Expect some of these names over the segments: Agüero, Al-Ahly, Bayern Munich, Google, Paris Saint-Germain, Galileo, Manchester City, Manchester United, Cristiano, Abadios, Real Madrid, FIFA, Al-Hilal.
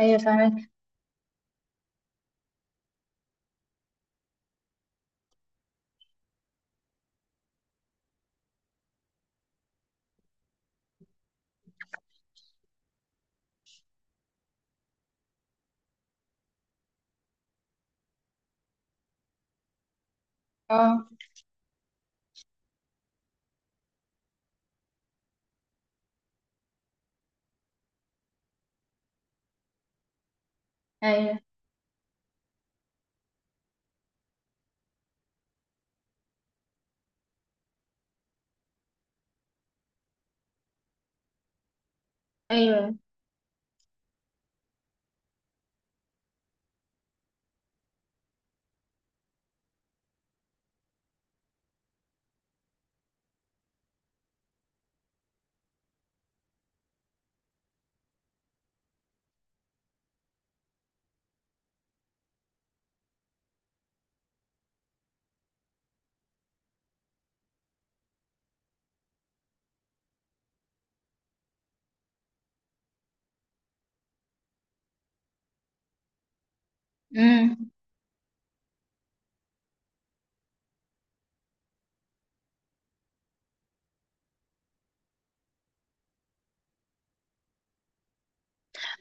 ايوه، فاهمك. اه، ايوه، ايوه. امم،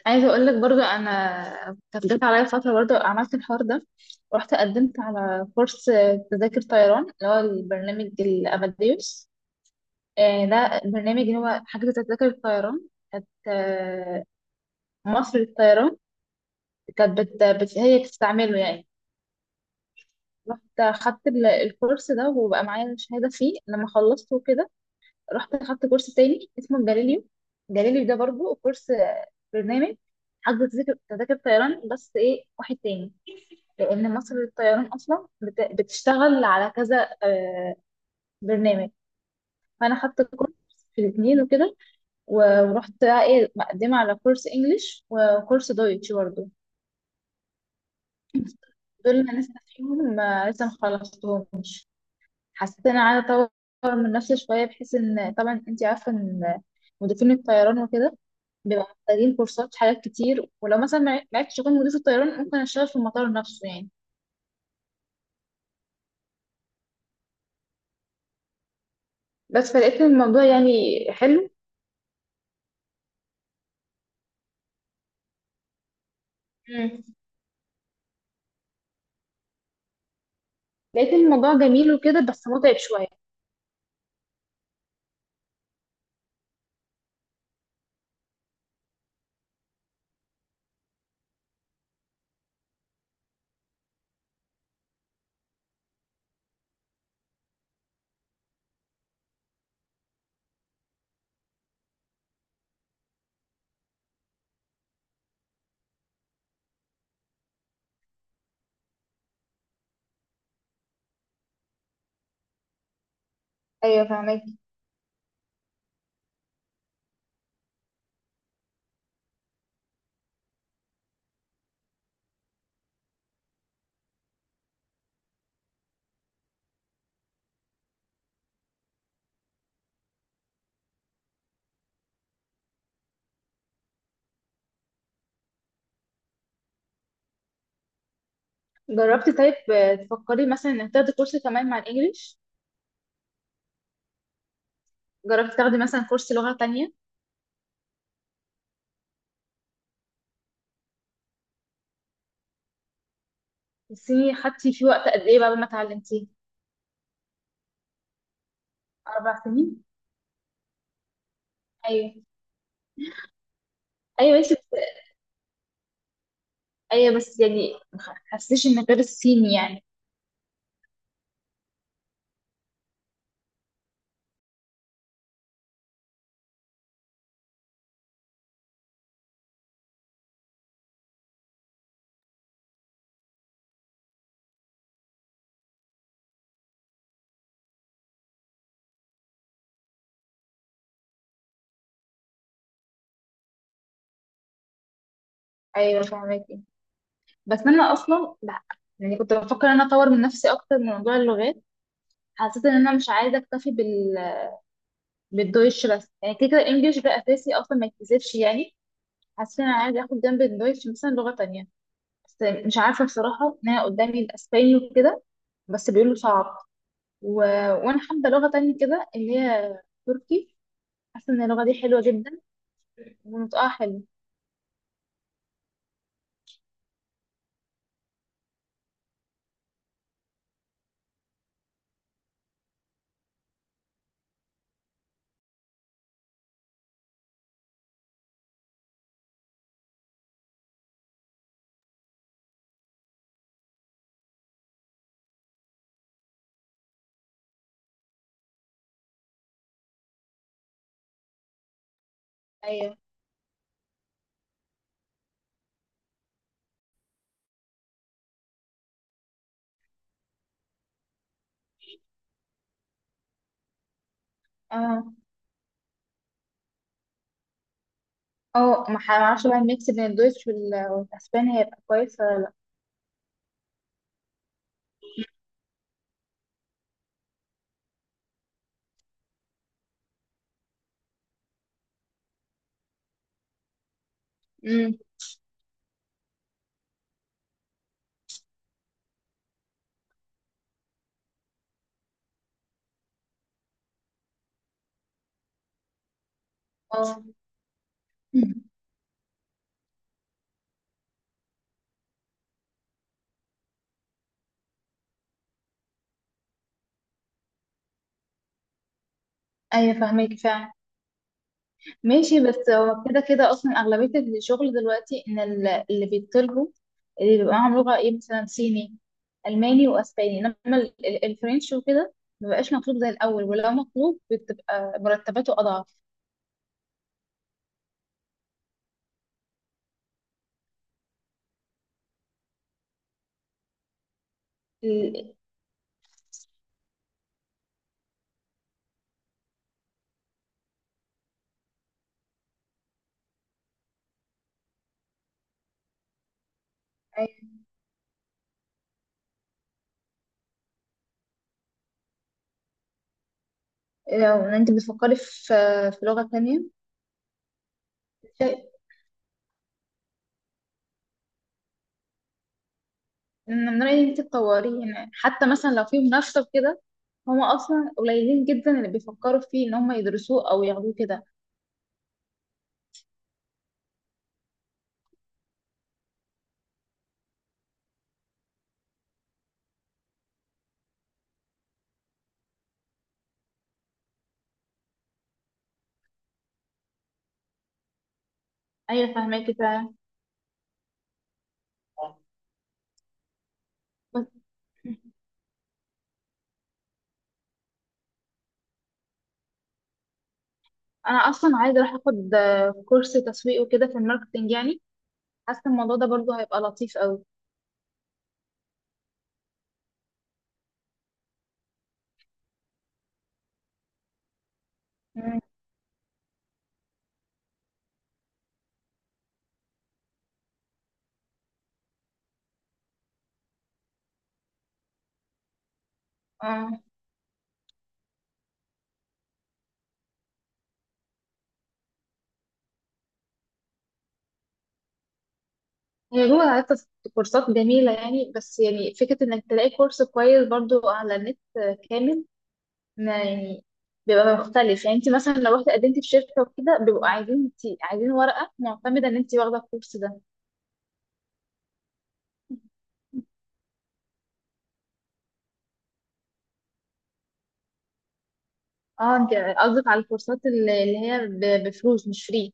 عايزه اقول لك برضو، انا كانت جت عليا فتره برضو عملت الحوار ده. رحت قدمت على كورس تذاكر طيران، اللي هو البرنامج الاباديوس. ده برنامج اللي هو حاجه تذاكر الطيران. كانت مصر للطيران كانت هي بتستعمله يعني. رحت خدت الكورس ده وبقى معايا شهاده فيه لما خلصته كده. رحت اخدت كورس تاني اسمه جاليليو. جاليليو ده برضو كورس، برنامج حجز تذاكر طيران، بس ايه، واحد تاني. لان مصر للطيران اصلا بتشتغل على كذا برنامج. فانا خدت كورس في الاثنين وكده. ورحت بقى ايه مقدمه على كورس انجليش وكورس دويتش برضو. دول انا لسه فيهم، لسه مخلصتهم. حسيت ان انا عايزه اطور من نفسي شويه، بحيث ان طبعا انت عارفه ان مضيفين الطيران وكده بيبقى محتاجين كورسات في حاجات كتير، ولو مثلا ما عرفتش اكون مضيف الطيران ممكن اشتغل في المطار نفسه يعني. بس فلقيت الموضوع يعني حلو. مم. لقيت الموضوع جميل وكده بس متعب شويه. ايوه، فهمك. جربتي طيب، تفكري مثلا انك تاخدي كورس كمان مع الانجليش؟ جربتي تاخدي مثلا كورس لغه تانية؟ الصيني خدتي فيه وقت قد ايه بقى ما اتعلمتيه؟ 4 سنين؟ ايوه. ايوه، انت. ايوه، بس يعني ما حسيتش ان غير الصيني يعني. ايوه، فهماكي. بس انا اصلا لا، يعني كنت بفكر ان انا اطور من نفسي اكتر من موضوع اللغات. حسيت ان انا مش عايزه اكتفي بالدويتش بس، يعني كده كده الانجليش ده اساسي اصلا ما يتكسبش يعني. حسيت ان انا عايزه اخد جنب الدويتش مثلا لغه تانية، بس مش عارفه بصراحه ان انا قدامي الاسباني وكده، بس بيقولوا صعب. و... وانا حابه لغه تانية كده، اللي هي تركي. حاسه ان اللغه دي حلوه جدا ونطقها حلو. ايوه. اه. اه، ما اعرفش بقى الميكس بين الدويتش والاسباني هيبقى كويس ولا لا؟ امم. اه. مم. ايوه، فاهمك فعلا. ماشي، بس هو كده كده اصلا اغلبيه الشغل دلوقتي ان اللي بيطلبوا اللي بيبقى معاهم لغه ايه، مثلا صيني، الماني واسباني. انما الفرنش وكده مبقاش مطلوب زي الاول، ولو مطلوب بتبقى مرتباته اضعف. ال- لو انت بتفكري في لغه تانية، من رأيي انت تطوريه يعني. حتى مثلا لو في منافسة وكده، هما أصلا قليلين جدا اللي بيفكروا فيه إن هما يدرسوه أو ياخدوه كده. أيوة، فهماكي فعلا. بس أنا أصلا عايزة أروح أخد كورس تسويق وكده في الماركتينج يعني. حاسة الموضوع ده برضه هيبقى لطيف أوي. مم. اه، هي جوجل عادة كورسات جميلة يعني، بس يعني فكرة إنك تلاقي كورس كويس برضه على النت كامل، ما يعني بيبقى مختلف. يعني انت مثلا لو رحت قدمتي في شركه وكده بيبقوا عايزين عايزين ورقه معتمده ان انت واخده الكورس ده. اه، انت قصدك على الكورسات اللي هي بفلوس مش فري؟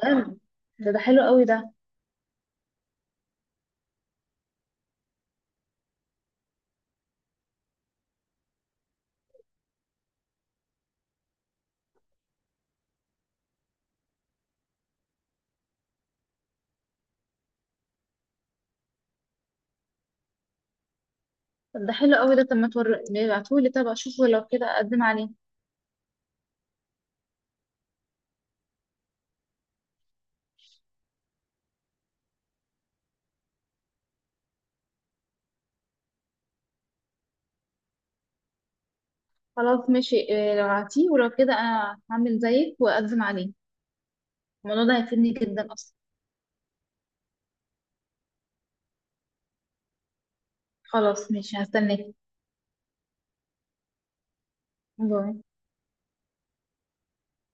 تمام. ده حلو قوي ده. طب ده حلو قوي ده. طب ما تور... ابعتهولي، طب اشوفه لو كده اقدم عليه. خلاص، ماشي. اه، لو عطيه ولو كده انا هعمل زيك واقدم عليه. الموضوع ده هيفيدني جدا اصلا. خلاص، ماشي، هستناك. باي.